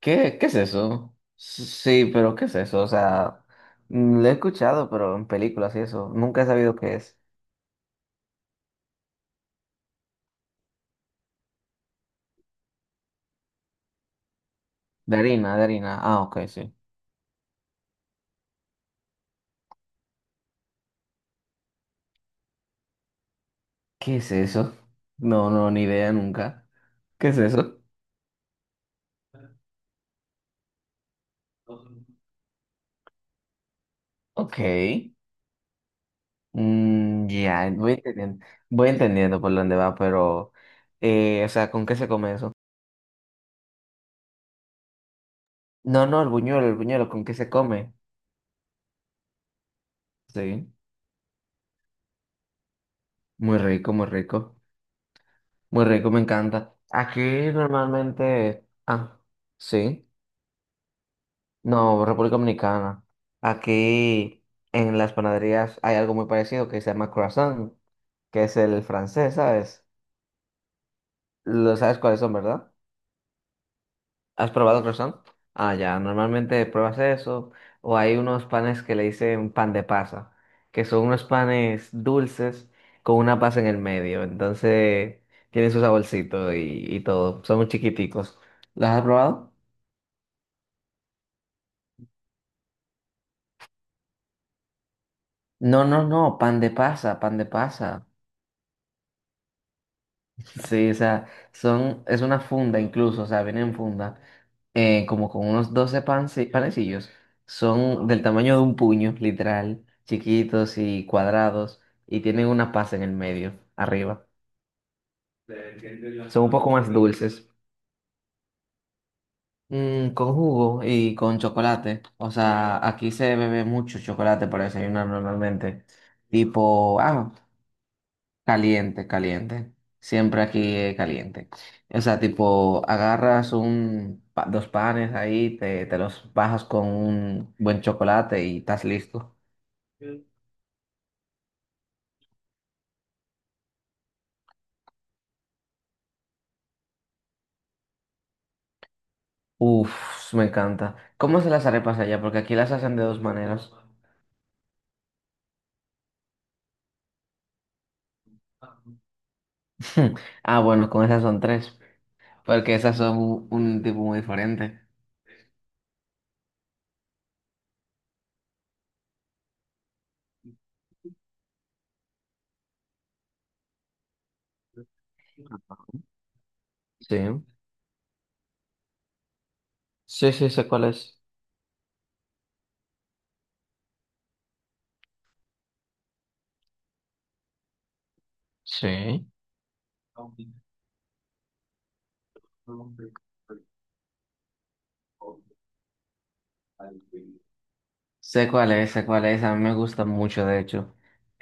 ¿Qué es eso? Sí, pero ¿qué es eso? O sea, lo he escuchado, pero en películas y eso. Nunca he sabido qué es. De harina. Ah, ok, sí. ¿Qué es eso? No, no, ni idea nunca. ¿Qué es eso? Ok. Ya, voy entendiendo por dónde va, pero, o sea, ¿con qué se come eso? No, no, el buñuelo, ¿con qué se come? Sí, muy rico, muy rico. Muy rico, me encanta. Aquí normalmente, sí, no, República Dominicana. Aquí en las panaderías hay algo muy parecido que se llama croissant, que es el francés, ¿sabes? Lo sabes cuáles son, ¿verdad? ¿Has probado croissant? Ah, ya, normalmente pruebas eso, o hay unos panes que le dicen pan de pasa, que son unos panes dulces con una pasa en el medio, entonces tienen su saborcito y todo, son muy chiquiticos. ¿Los has probado? No, no, no, pan de pasa, pan de pasa. Sí, o sea, es una funda incluso, o sea, viene en funda, como con unos 12 panecillos. Son del tamaño de un puño, literal, chiquitos y cuadrados, y tienen una pasa en el medio, arriba. Son un poco más dulces. Mm, con jugo y con chocolate. O sea, aquí se bebe mucho chocolate para desayunar normalmente. Tipo, caliente, caliente. Siempre aquí es caliente. O sea, tipo, agarras dos panes ahí, te los bajas con un buen chocolate y estás listo. Uf, me encanta. ¿Cómo hacen las arepas allá? Porque aquí las hacen de dos maneras. Ah, bueno, con esas son tres. Porque esas son un tipo muy diferente. Sí. Sí, sí, sé cuál es. Sí. Sé cuál es, a mí me gusta mucho, de hecho.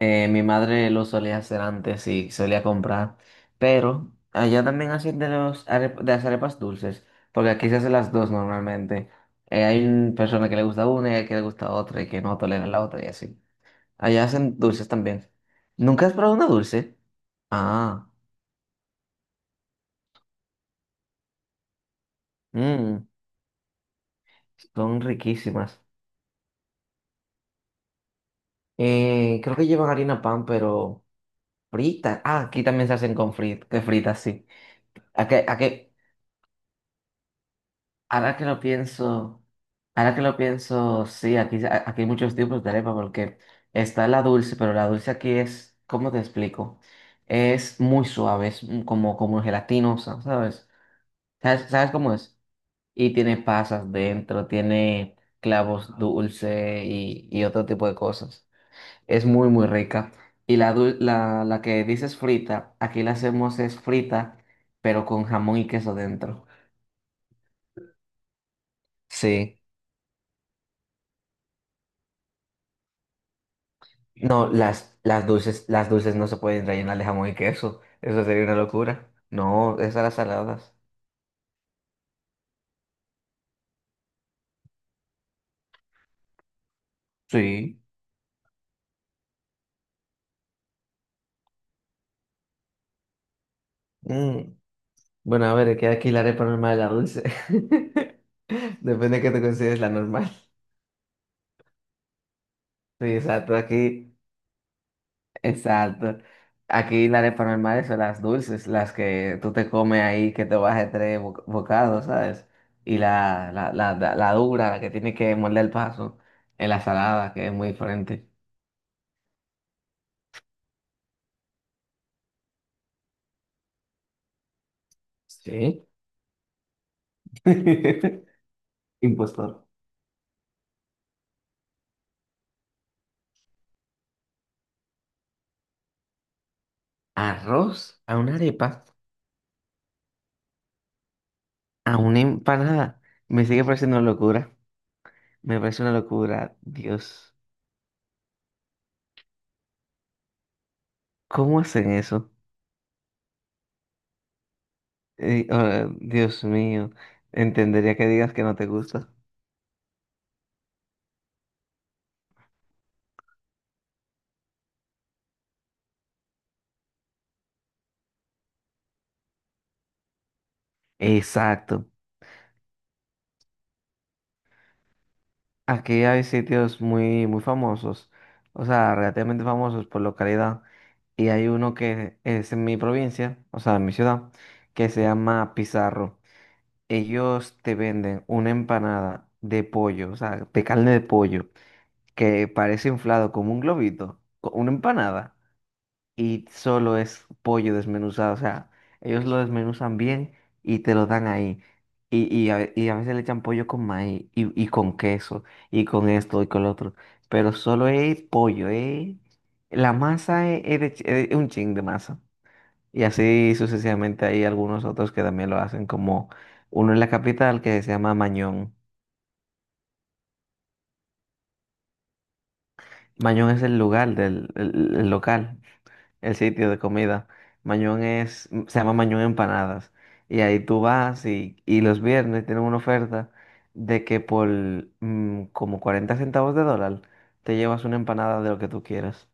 Mi madre lo solía hacer antes y solía comprar, pero allá también hacen de las arepas dulces, porque aquí se hacen las dos normalmente. Hay una persona que le gusta una y hay que le gusta otra y que no tolera la otra y así. Allá hacen dulces también. ¿Nunca has probado una dulce? Ah, mm, son riquísimas. Creo que llevan harina pan, pero frita. Ah, aquí también se hacen con frit- que fritas, sí. ¿A qué? Ahora que lo pienso, ahora que lo pienso, sí, aquí, aquí hay muchos tipos de arepa porque está la dulce, pero la dulce aquí es, ¿cómo te explico? Es muy suave, es como, como gelatinosa, ¿sabes? ¿Sabes, sabes cómo es? Y tiene pasas dentro, tiene clavos dulce y otro tipo de cosas. Es muy, muy rica. Y la que dices frita, aquí la hacemos es frita, pero con jamón y queso dentro. Sí. No, las dulces no se pueden rellenar de jamón y queso. Eso sería una locura. No, esas las saladas. Sí. Mm, Bueno, a ver, queda aquí la arepa normal de la dulce. Depende de qué te consideres la normal. Sí, exacto. Aquí la arepa normal son las dulces, las que tú te comes ahí, que te bajes tres bocados, ¿sabes? Y la dura, la que tiene que morder el paso, en la salada, que es muy diferente. Sí. Impostor. Arroz a una arepa, a una empanada. Me sigue pareciendo una locura. Me parece una locura. Dios, ¿cómo hacen eso? Dios mío, entendería que digas que no te gusta. Exacto. Aquí hay sitios muy, muy famosos, o sea, relativamente famosos por localidad. Y hay uno que es en mi provincia, o sea, en mi ciudad, que se llama Pizarro. Ellos te venden una empanada de pollo, o sea, de carne de pollo, que parece inflado como un globito, una empanada, y solo es pollo desmenuzado, o sea, ellos lo desmenuzan bien y te lo dan ahí. Y a veces le echan pollo con maíz y con queso y con esto y con lo otro, pero solo es pollo, es... La masa es, es un chin de masa. Y así sucesivamente hay algunos otros que también lo hacen, como uno en la capital que se llama Mañón. Mañón es el lugar del el local, el sitio de comida. Mañón es, se llama Mañón Empanadas. Y ahí tú vas y los viernes tienen una oferta de que por como 40 centavos de dólar te llevas una empanada de lo que tú quieras.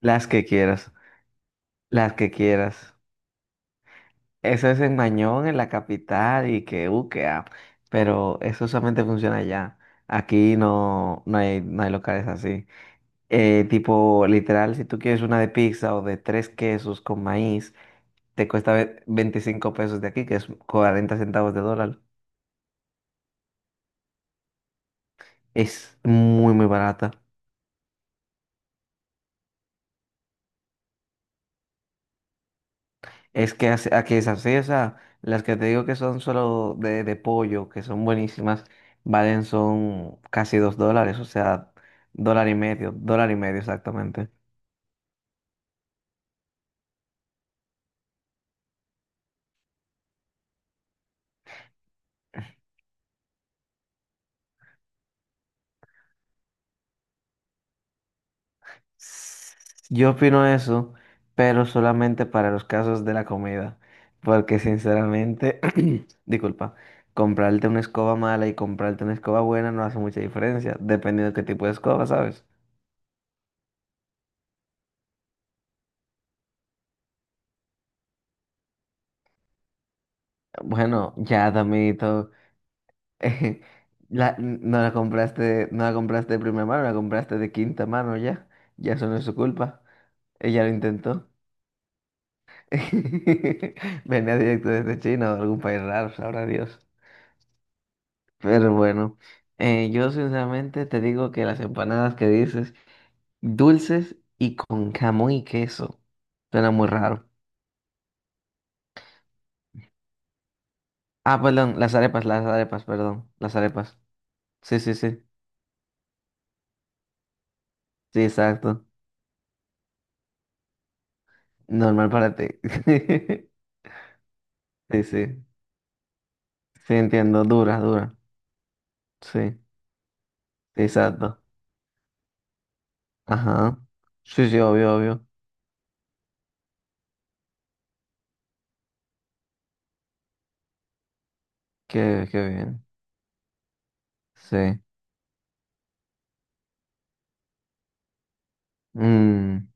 Las que quieras, las que quieras. Eso es en Mañón, en la capital, pero eso solamente funciona allá. Aquí no, no hay, no hay locales así. Tipo, literal, si tú quieres una de pizza o de tres quesos con maíz, te cuesta 25 pesos de aquí, que es 40 centavos de dólar. Es muy, muy barata. Es que a que es así, o sea, las que te digo que son solo de pollo, que son buenísimas, valen son casi 2 dólares, o sea, dólar y medio exactamente. S- Yo opino eso, pero solamente para los casos de la comida, porque sinceramente, disculpa, comprarte una escoba mala y comprarte una escoba buena no hace mucha diferencia, dependiendo de qué tipo de escoba, ¿sabes? Bueno, ya, Damito. La, no la compraste, no la compraste de primera mano, la compraste de quinta mano ya. Ya eso no es su culpa. Ella lo intentó. Venía directo desde China o de algún país raro, sabrá Dios. Pero bueno, yo sinceramente te digo que las empanadas que dices, dulces y con jamón y queso, suena muy raro. Ah, perdón, las arepas, perdón, las arepas. Sí, sí, sí, sí, exacto. Normal para ti. Sí, sí. Sí, entiendo, dura, dura. Sí, exacto. Ajá. Sí, sí, obvio, obvio. Qué, qué bien. Sí. Mm,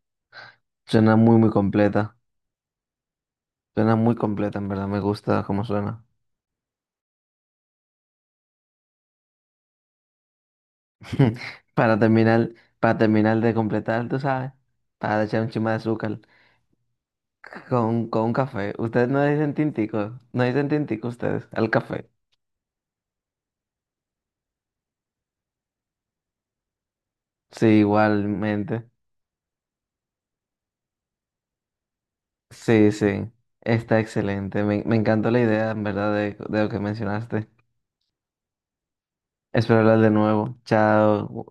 suena muy, muy completa. Suena muy completa, en verdad. Me gusta cómo suena. Para terminar, para terminar de completar, tú sabes, para echar un chima de azúcar con un café. Ustedes no dicen tintico, no dicen tintico ustedes, al café. Sí, igualmente. Sí, sí. Está excelente. Me encantó la idea, en verdad, de lo que mencionaste. Espero hablar de nuevo. Chao.